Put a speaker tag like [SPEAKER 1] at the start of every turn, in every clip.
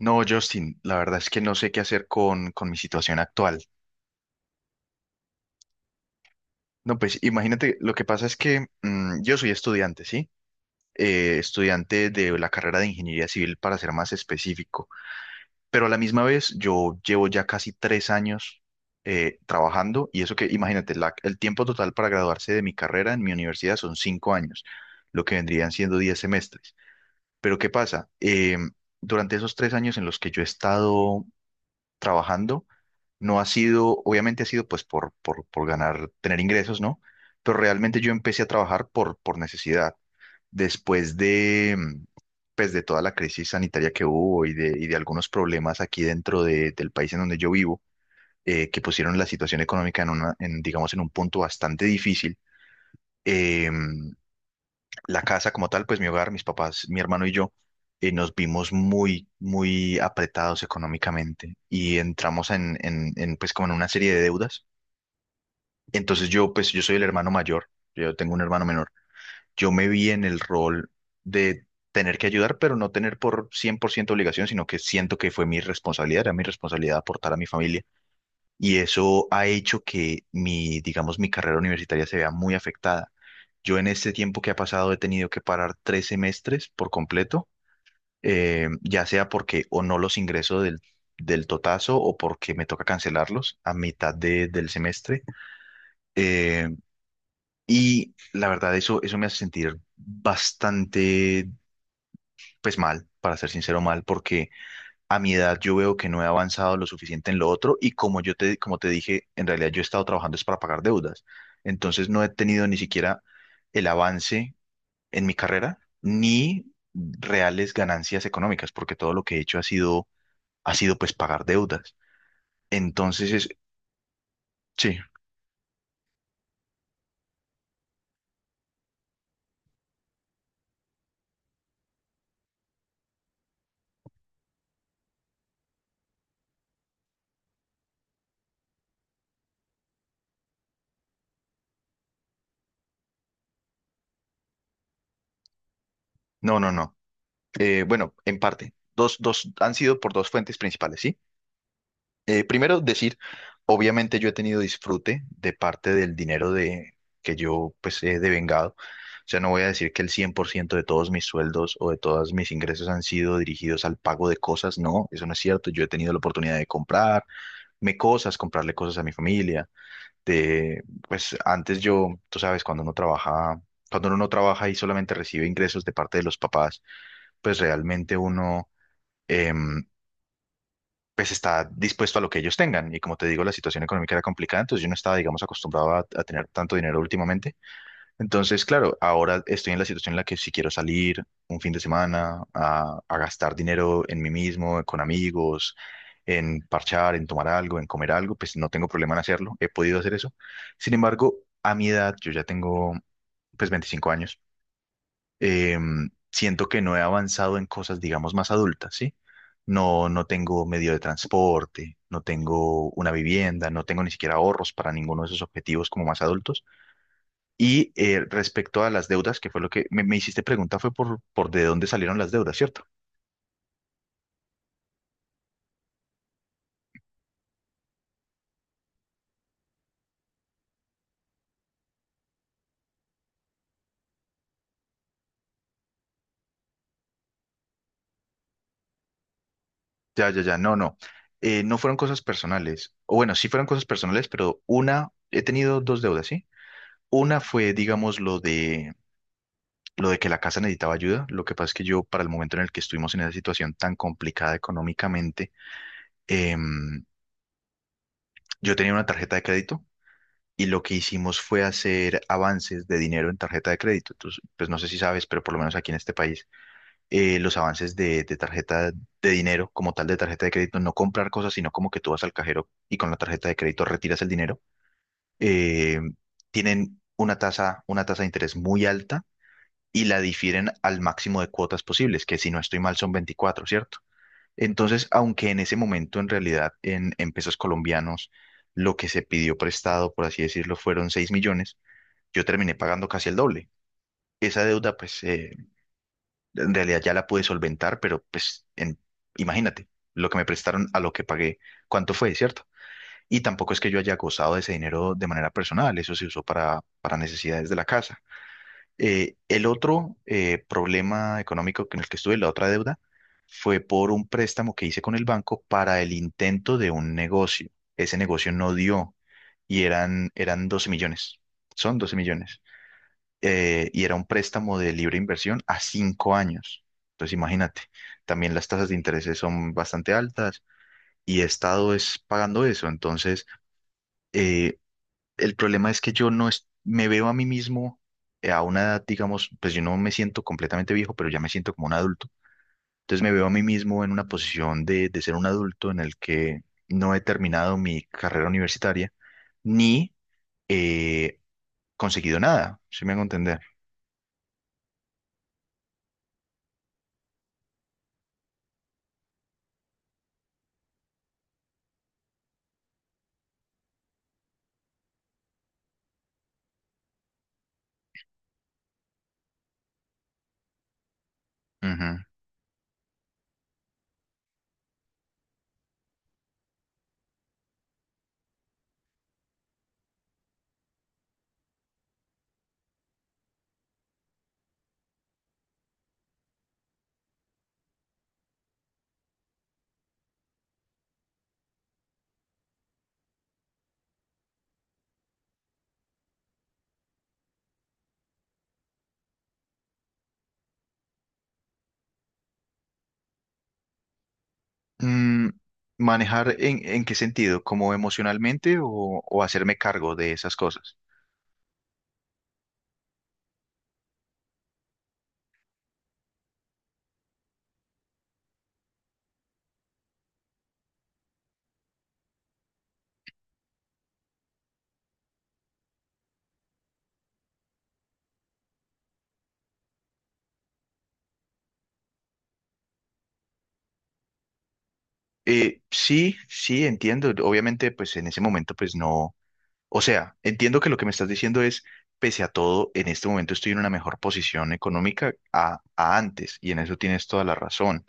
[SPEAKER 1] No, Justin, la verdad es que no sé qué hacer con mi situación actual. No, pues imagínate, lo que pasa es que yo soy estudiante, ¿sí? Estudiante de la carrera de ingeniería civil, para ser más específico. Pero a la misma vez, yo llevo ya casi 3 años trabajando y eso que, imagínate, el tiempo total para graduarse de mi carrera en mi universidad son 5 años, lo que vendrían siendo 10 semestres. Pero ¿qué pasa? Durante esos 3 años en los que yo he estado trabajando. No ha sido, obviamente ha sido pues por ganar, tener ingresos, ¿no? Pero realmente yo empecé a trabajar por necesidad. Después de, pues de toda la crisis sanitaria que hubo y de algunos problemas aquí dentro del país en donde yo vivo, que pusieron la situación económica en una, en, digamos, en un punto bastante difícil. Eh, la casa como tal, pues mi hogar, mis papás, mi hermano y yo, nos vimos muy, muy apretados económicamente y entramos en, pues como en una serie de deudas. Entonces yo, pues yo soy el hermano mayor, yo tengo un hermano menor. Yo me vi en el rol de tener que ayudar, pero no tener por 100% obligación, sino que siento que fue mi responsabilidad, era mi responsabilidad aportar a mi familia y eso ha hecho que mi, digamos, mi carrera universitaria se vea muy afectada. Yo en este tiempo que ha pasado he tenido que parar 3 semestres por completo, ya sea porque o no los ingreso del totazo o porque me toca cancelarlos a mitad del semestre. Eh, y la verdad, eso me hace sentir bastante, pues mal, para ser sincero, mal, porque a mi edad yo veo que no he avanzado lo suficiente en lo otro y como yo te, como te dije, en realidad yo he estado trabajando es para pagar deudas. Entonces no he tenido ni siquiera el avance en mi carrera ni reales ganancias económicas porque todo lo que he hecho ha sido pues pagar deudas. Entonces es, sí, no, no, no. Bueno, en parte, dos, dos han sido por dos fuentes principales, ¿sí? Primero decir, obviamente yo he tenido disfrute de parte del dinero de, que yo pues he devengado. O sea, no voy a decir que el 100% de todos mis sueldos o de todos mis ingresos han sido dirigidos al pago de cosas. No, eso no es cierto. Yo he tenido la oportunidad de comprarme cosas, comprarle cosas a mi familia. De, pues antes yo, tú sabes, cuando uno trabaja, cuando uno no trabaja y solamente recibe ingresos de parte de los papás, pues realmente uno... em, pues está dispuesto a lo que ellos tengan. Y como te digo, la situación económica era complicada, entonces yo no estaba, digamos, acostumbrado a tener tanto dinero últimamente. Entonces, claro, ahora estoy en la situación en la que si quiero salir un fin de semana a gastar dinero en mí mismo, con amigos, en parchar, en tomar algo, en comer algo, pues no tengo problema en hacerlo, he podido hacer eso. Sin embargo, a mi edad, yo ya tengo pues 25 años siento que no he avanzado en cosas, digamos, más adultas, ¿sí? No, no tengo medio de transporte, no tengo una vivienda, no tengo ni siquiera ahorros para ninguno de esos objetivos como más adultos. Y respecto a las deudas, que fue lo que me hiciste pregunta, fue por de dónde salieron las deudas, ¿cierto? Ya, ya, ya, no, no. No fueron cosas personales. O bueno, sí fueron cosas personales, pero una, he tenido dos deudas, ¿sí? Una fue, digamos, lo de que la casa necesitaba ayuda. Lo que pasa es que yo, para el momento en el que estuvimos en esa situación tan complicada económicamente, em, yo tenía una tarjeta de crédito y lo que hicimos fue hacer avances de dinero en tarjeta de crédito. Entonces, pues no sé si sabes, pero por lo menos aquí en este país, los avances de tarjeta de dinero, como tal de tarjeta de crédito, no comprar cosas, sino como que tú vas al cajero y con la tarjeta de crédito retiras el dinero, eh, tienen una tasa de interés muy alta y la difieren al máximo de cuotas posibles, que si no estoy mal son 24, ¿cierto? Entonces, aunque en ese momento en realidad en pesos colombianos lo que se pidió prestado, por así decirlo, fueron 6 millones, yo terminé pagando casi el doble. Esa deuda, pues, en realidad ya la pude solventar, pero pues, imagínate, lo que me prestaron a lo que pagué, ¿cuánto fue, cierto? Y tampoco es que yo haya gozado de ese dinero de manera personal, eso se usó para necesidades de la casa. El otro problema económico en el que estuve, la otra deuda, fue por un préstamo que hice con el banco para el intento de un negocio. Ese negocio no dio y eran, eran 12 millones, son 12 millones. Y era un préstamo de libre inversión a 5 años. Entonces imagínate, también las tasas de interés son bastante altas y he estado es pagando eso. Entonces, eh, el problema es que yo no me veo a mí mismo a una edad, digamos, pues yo no me siento completamente viejo, pero ya me siento como un adulto. Entonces me veo a mí mismo en una posición de ser un adulto en el que no he terminado mi carrera universitaria ni he conseguido nada, si me hago entender. Ujú. Mm, ¿Manejar en qué sentido? ¿Como emocionalmente o hacerme cargo de esas cosas? Sí, sí, entiendo. Obviamente, pues en ese momento, pues no. O sea, entiendo que lo que me estás diciendo es, pese a todo, en este momento estoy en una mejor posición económica a antes, y en eso tienes toda la razón.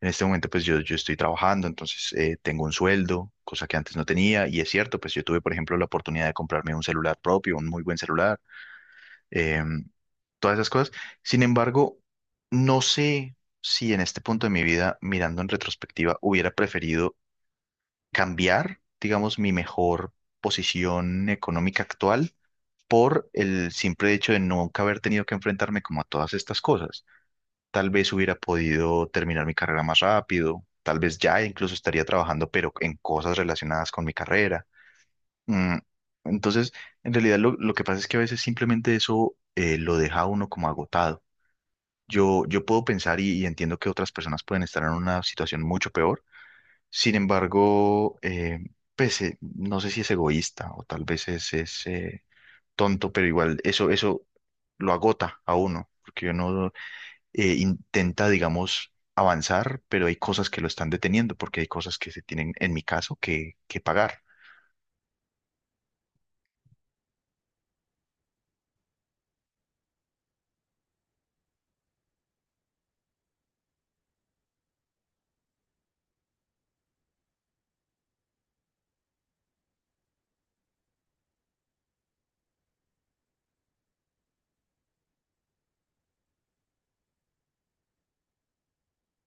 [SPEAKER 1] En este momento, pues yo estoy trabajando, entonces tengo un sueldo, cosa que antes no tenía, y es cierto, pues yo tuve, por ejemplo, la oportunidad de comprarme un celular propio, un muy buen celular, em, todas esas cosas. Sin embargo, no sé si en este punto de mi vida, mirando en retrospectiva, hubiera preferido cambiar, digamos, mi mejor posición económica actual por el simple hecho de nunca haber tenido que enfrentarme como a todas estas cosas. Tal vez hubiera podido terminar mi carrera más rápido, tal vez ya incluso estaría trabajando, pero en cosas relacionadas con mi carrera. Mm, Entonces, en realidad lo que pasa es que a veces simplemente eso lo deja a uno como agotado. Yo puedo pensar y entiendo que otras personas pueden estar en una situación mucho peor. Sin embargo, pues no sé si es egoísta o tal vez es tonto, pero igual eso, eso lo agota a uno, porque uno intenta, digamos, avanzar, pero hay cosas que lo están deteniendo, porque hay cosas que se tienen, en mi caso, que pagar.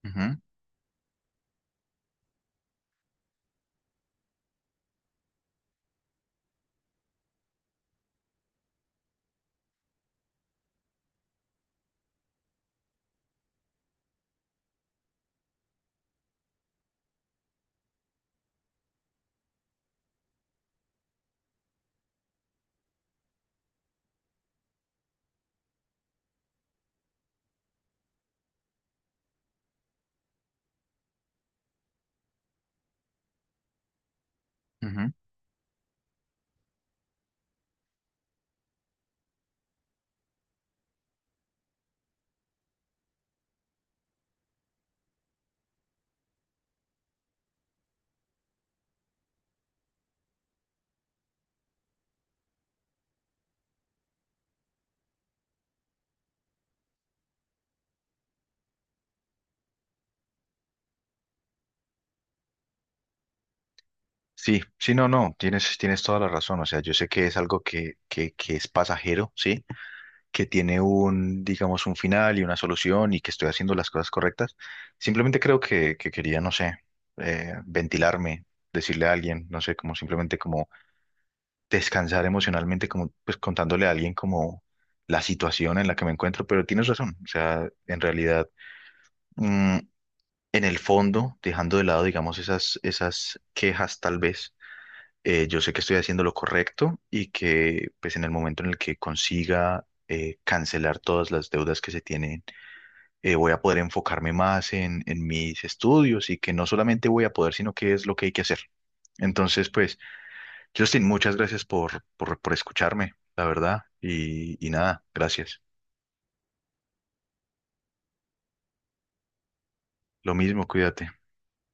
[SPEAKER 1] Ujú, ujú. Sí, sí, no, no, tienes, tienes toda la razón. O sea, yo sé que es algo que es pasajero, ¿sí? Que tiene un, digamos, un final y una solución y que estoy haciendo las cosas correctas. Simplemente creo que quería, no sé, ventilarme, decirle a alguien, no sé, como simplemente como descansar emocionalmente, como pues contándole a alguien como la situación en la que me encuentro, pero tienes razón, o sea, en realidad, mm, en el fondo, dejando de lado, digamos, esas, esas quejas tal vez, yo sé que estoy haciendo lo correcto y que pues en el momento en el que consiga cancelar todas las deudas que se tienen, voy a poder enfocarme más en mis estudios y que no solamente voy a poder, sino que es lo que hay que hacer. Entonces, pues... Justin, muchas gracias por escucharme, la verdad. Y nada, gracias. Lo mismo, cuídate.